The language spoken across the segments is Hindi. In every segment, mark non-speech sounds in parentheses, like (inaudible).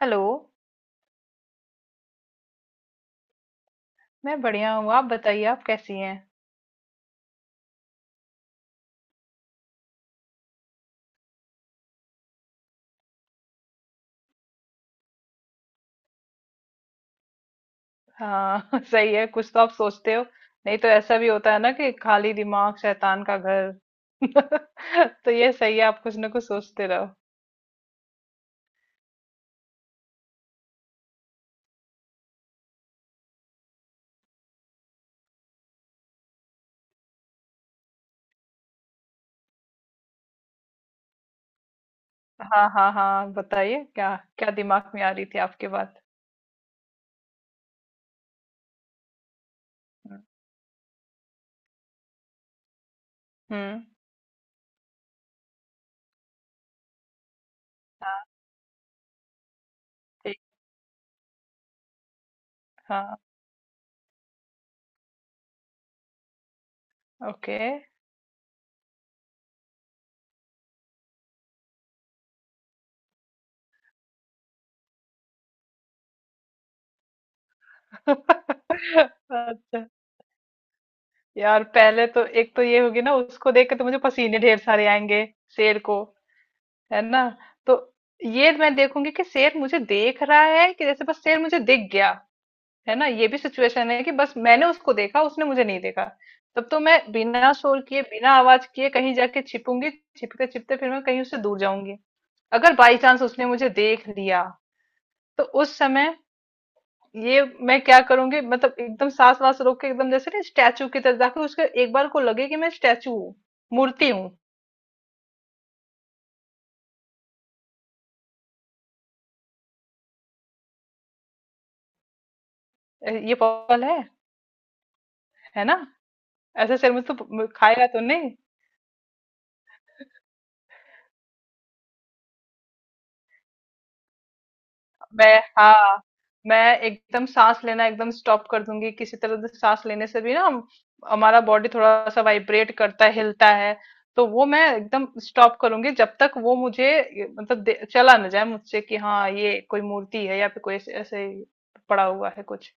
हेलो। मैं बढ़िया हूँ, आप बताइए, आप कैसी हैं? हाँ (laughs) सही है, कुछ तो आप सोचते हो। नहीं तो ऐसा भी होता है ना कि खाली दिमाग शैतान का घर। (laughs) तो ये सही है, आप कुछ ना कुछ सोचते रहो। हाँ हाँ हाँ बताइए, क्या क्या दिमाग में आ रही थी आपकी बात? हम्म। ठीक। हाँ। ओके। (laughs) अच्छा। यार पहले तो एक तो ये होगी ना, उसको देख के तो मुझे पसीने ढेर सारे आएंगे, शेर को। है ना? तो ये मैं देखूंगी कि शेर मुझे देख रहा है कि जैसे बस शेर मुझे दिख गया। है ना, ये भी सिचुएशन है कि बस मैंने उसको देखा, उसने मुझे नहीं देखा। तब तो मैं बिना शोर किए, बिना आवाज किए कहीं जाके छिपूंगी। छिपते छिपते फिर मैं कहीं उससे दूर जाऊंगी। अगर बाई चांस उसने मुझे देख लिया, तो उस समय ये मैं क्या करूंगी, मतलब एकदम सांस वास रोक के, एकदम जैसे ना स्टैचू की तरफ जाके, उसके एक बार को लगे कि मैं स्टैचू हूँ, मूर्ति हूँ। ये पॉसिबल है ना? ऐसे शर्म तो खाएगा तो नहीं। मैं हाँ, मैं एकदम सांस लेना एकदम स्टॉप कर दूंगी। किसी तरह से सांस लेने से भी ना हमारा बॉडी थोड़ा सा वाइब्रेट करता है, हिलता है। तो वो मैं एकदम स्टॉप करूंगी जब तक वो मुझे चला ना जाए मुझसे कि हाँ ये कोई मूर्ति है या फिर कोई ऐसे ऐसे पड़ा हुआ है कुछ।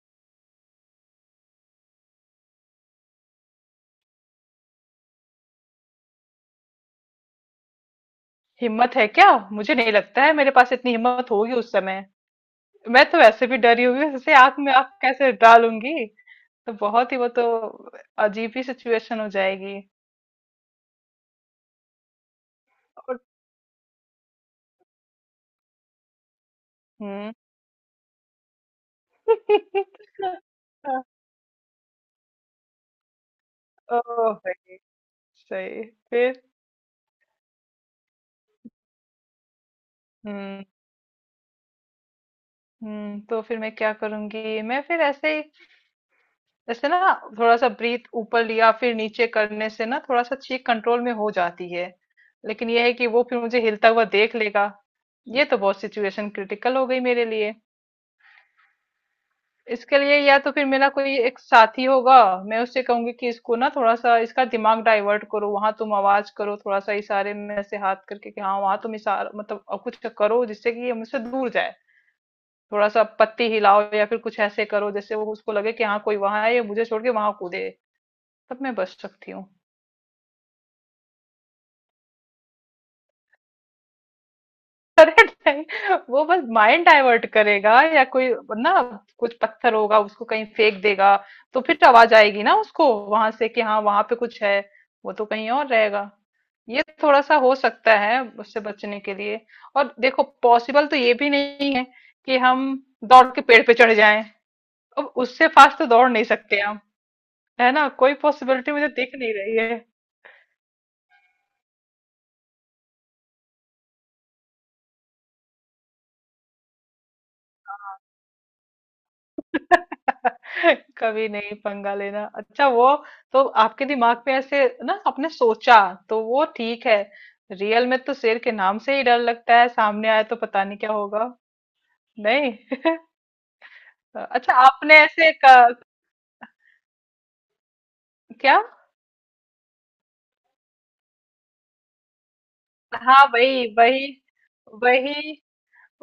हिम्मत है क्या? मुझे नहीं लगता है मेरे पास इतनी हिम्मत होगी उस समय। मैं तो वैसे भी डरी हुई हूँ, जैसे आंख में आंख कैसे डालूंगी? तो बहुत ही वो तो अजीब ही सिचुएशन हो जाएगी। और हम्म। ओह! सही, सही। फिर? हुँ, हुँ, तो फिर मैं क्या करूँगी? मैं फिर ऐसे ही, जैसे ना थोड़ा-सा ब्रीथ ऊपर लिया, फिर नीचे करने से ना थोड़ा-सा चीक कंट्रोल में हो जाती है। लेकिन ये है कि वो फिर मुझे हिलता हुआ देख लेगा। ये तो बहुत सिचुएशन क्रिटिकल हो गई मेरे लिए। इसके लिए या तो फिर मेरा कोई एक साथी होगा, मैं उससे कहूंगी कि इसको ना थोड़ा सा इसका दिमाग डाइवर्ट करो, वहां तुम आवाज करो, थोड़ा सा इशारे में ऐसे हाथ करके कि हाँ वहां तुम इशारा, कुछ करो जिससे कि ये मुझसे दूर जाए। थोड़ा सा पत्ती हिलाओ या फिर कुछ ऐसे करो जैसे वो, उसको लगे कि हाँ कोई वहां है, ये मुझे छोड़ के वहां कूदे। तब मैं बच सकती हूँ। अरे नहीं, वो बस माइंड डाइवर्ट करेगा या कोई, ना, कुछ पत्थर होगा उसको कहीं फेंक देगा। तो फिर आवाज आएगी ना, उसको वहां से कि हाँ वहां पे कुछ है। वो तो कहीं और रहेगा। ये थोड़ा सा हो सकता है उससे बचने के लिए। और देखो, पॉसिबल तो ये भी नहीं है कि हम दौड़ के पेड़ पे चढ़ जाएं। अब उससे फास्ट तो दौड़ नहीं सकते हम। है ना? कोई पॉसिबिलिटी मुझे दिख नहीं रही है। (laughs) कभी नहीं पंगा लेना, अच्छा वो। तो आपके दिमाग में ऐसे ना आपने सोचा, तो वो ठीक है। रियल में तो शेर के नाम से ही डर लगता है, सामने आया तो पता नहीं क्या होगा। नहीं। (laughs) अच्छा आपने ऐसे क्या? हाँ वही वही वही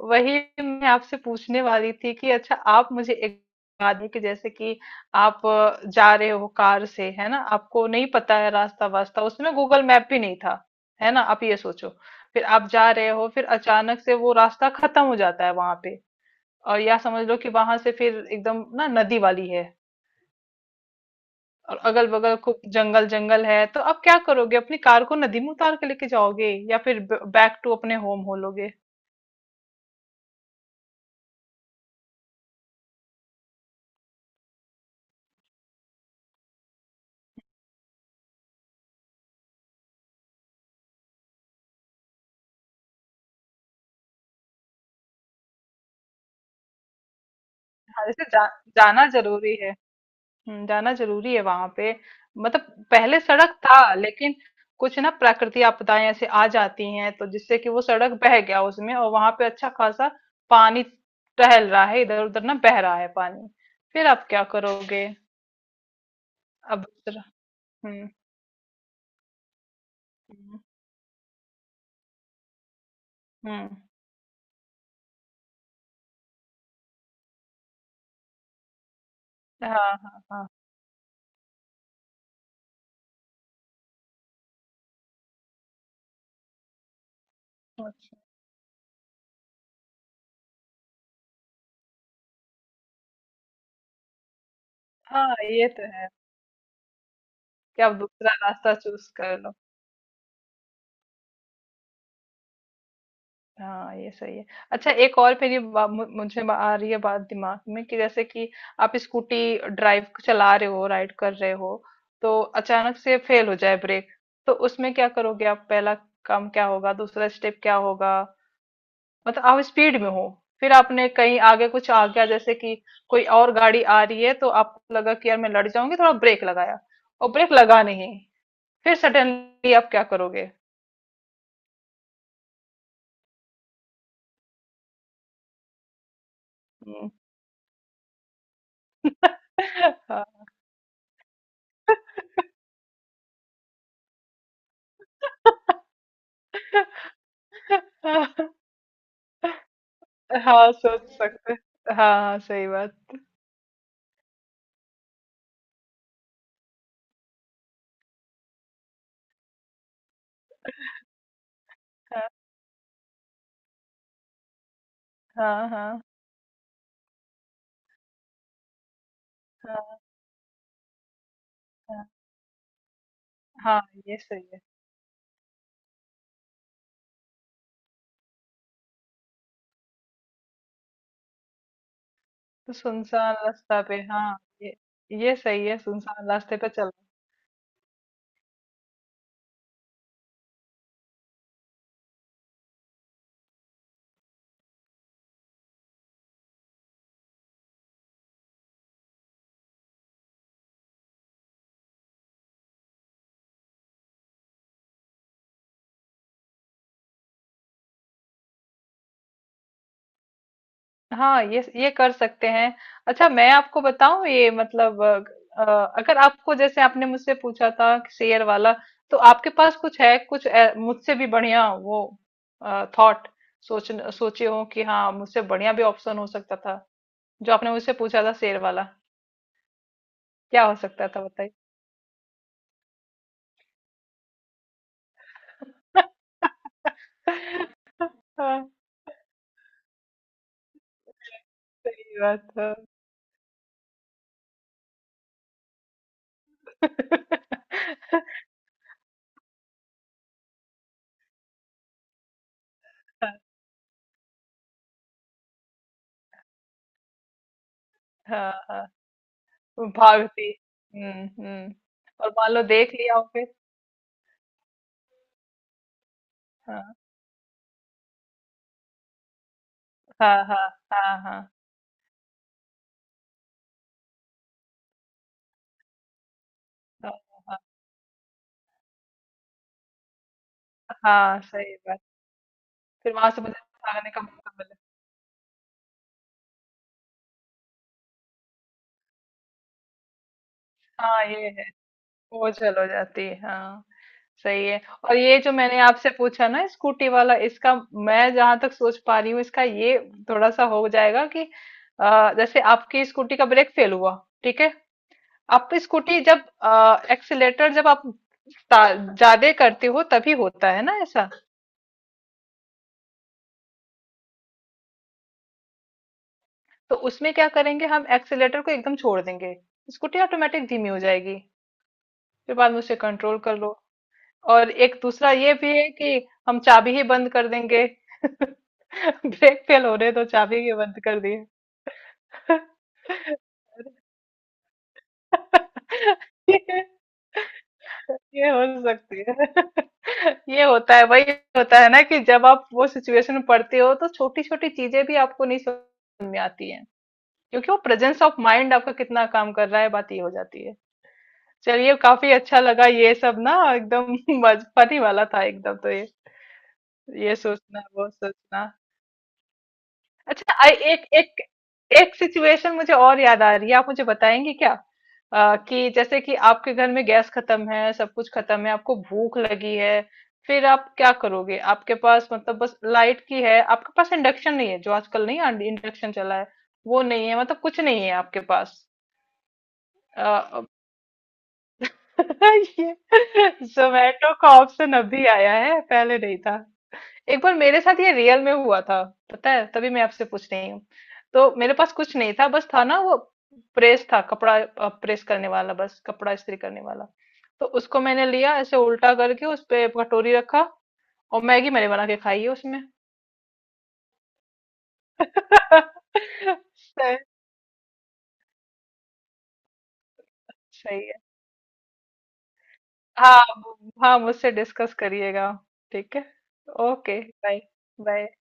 वही, मैं आपसे पूछने वाली थी कि अच्छा आप मुझे एक बात है कि जैसे कि आप जा रहे हो कार से, है ना, आपको नहीं पता है रास्ता वास्ता, उसमें गूगल मैप भी नहीं था। है ना, आप ये सोचो। फिर आप जा रहे हो, फिर अचानक से वो रास्ता खत्म हो जाता है वहां पे। और या समझ लो कि वहां से फिर एकदम ना नदी वाली है, और अगल बगल खूब जंगल जंगल है। तो आप क्या करोगे? अपनी कार को नदी में उतार के लेके जाओगे या फिर बैक टू अपने होम हो लोगे? हाँ, जाना जरूरी है। जाना जरूरी है वहां पे। मतलब पहले सड़क था, लेकिन कुछ ना प्राकृतिक आपदाएं ऐसे आ जाती हैं, तो जिससे कि वो सड़क बह गया उसमें, और वहां पे अच्छा खासा पानी टहल रहा है, इधर उधर ना बह रहा है पानी। फिर आप क्या करोगे? अब दूसरा- हम्म। हम्म हम्म, हाँ हाँ हाँ। अच्छा, हाँ ये तो है कि आप दूसरा रास्ता चूज कर लो। हाँ ये सही है। अच्छा एक और मुझे आ रही है बात दिमाग में कि जैसे कि आप स्कूटी ड्राइव चला रहे हो, राइड कर रहे हो, तो अचानक से फेल हो जाए ब्रेक। तो उसमें क्या करोगे आप? पहला काम क्या होगा? दूसरा स्टेप क्या होगा? मतलब आप स्पीड में हो, फिर आपने कहीं आगे कुछ आ गया, जैसे कि कोई और गाड़ी आ रही है, तो आपको लगा कि यार मैं लड़ जाऊंगी, थोड़ा ब्रेक लगाया, और ब्रेक लगा नहीं। फिर सडनली आप क्या करोगे? हम्म। (laughs) हाँ। (laughs) (laughs) हाँ सोच सकते हैं। हाँ सही बात। हाँ हाँ हाँ हाँ हाँ हाँ, ये सही है। तो सुनसान रास्ता पे, हाँ, ये ये सही है, सुनसान रास्ते पे चल। हाँ ये कर सकते हैं। अच्छा मैं आपको बताऊं, ये मतलब अ, अ, अगर आपको जैसे आपने मुझसे पूछा था कि शेयर वाला, तो आपके पास कुछ है कुछ मुझसे भी बढ़िया वो थॉट, सोच सोचे हो कि हाँ मुझसे बढ़िया भी ऑप्शन हो सकता था, जो आपने मुझसे पूछा था शेयर वाला? क्या हो सकता था बताइए। (laughs) हाँ सही बात है। (laughs) हाँ हाँ, वो भागती। हम्म। और मान लो देख लिया हो फिर? हाँ हाँ हाँ हाँ हाँ हाँ हाँ, हाँ, सही बात। फिर वहां से मुझे भागने का मौका मिला। हाँ ये है, वो चल हो जाती है, हाँ सही है। और ये जो मैंने आपसे पूछा ना स्कूटी वाला, इसका मैं जहां तक सोच पा रही हूँ, इसका ये थोड़ा सा हो जाएगा कि जैसे आपकी स्कूटी का ब्रेक फेल हुआ, ठीक है, आप स्कूटी जब एक्सीलेटर जब आप ज्यादा करते हो तभी होता है ना ऐसा? तो उसमें क्या करेंगे? हम एक्सीलेटर को एकदम छोड़ देंगे, स्कूटी ऑटोमेटिक धीमी हो जाएगी, फिर बाद में उसे कंट्रोल कर लो। और एक दूसरा ये भी है कि हम चाबी ही बंद कर देंगे। (laughs) ब्रेक फेल हो रहे तो चाबी ही बंद कर दिए। (laughs) ये, ये हो सकती है। (laughs) ये होता है वही। होता है ना कि जब आप वो सिचुएशन में पड़ते हो, तो छोटी छोटी चीजें भी आपको नहीं समझ में आती हैं, क्योंकि वो प्रेजेंस ऑफ माइंड आपका कितना काम कर रहा है, बात ये हो जाती है। चलिए, काफी अच्छा लगा ये सब ना एकदम (laughs) फनी वाला था एकदम। तो ये सोचना वो सोचना। अच्छा एक एक एक सिचुएशन मुझे और याद आ रही है, आप मुझे बताएंगे क्या? कि जैसे कि आपके घर में गैस खत्म है, सब कुछ खत्म है, आपको भूख लगी है। फिर आप क्या करोगे? आपके पास मतलब बस लाइट की है, आपके पास इंडक्शन नहीं है, जो आजकल नहीं इंडक्शन चला है, वो नहीं है, मतलब कुछ नहीं है आपके पास। अ, (laughs) ये जोमेटो का ऑप्शन अभी आया है, पहले नहीं था। एक बार मेरे साथ ये रियल में हुआ था, पता है, तभी मैं आपसे पूछ रही हूँ। तो मेरे पास कुछ नहीं था, बस था ना वो प्रेस था, कपड़ा प्रेस करने वाला, बस कपड़ा इस्त्री करने वाला। तो उसको मैंने लिया ऐसे उल्टा करके, उस पे कटोरी रखा, और मैगी मैंने बना के खाई है उसमें। (laughs) सही। सही है। हाँ। हाँ मुझसे डिस्कस करिएगा। ठीक है। Okay bye. बाय।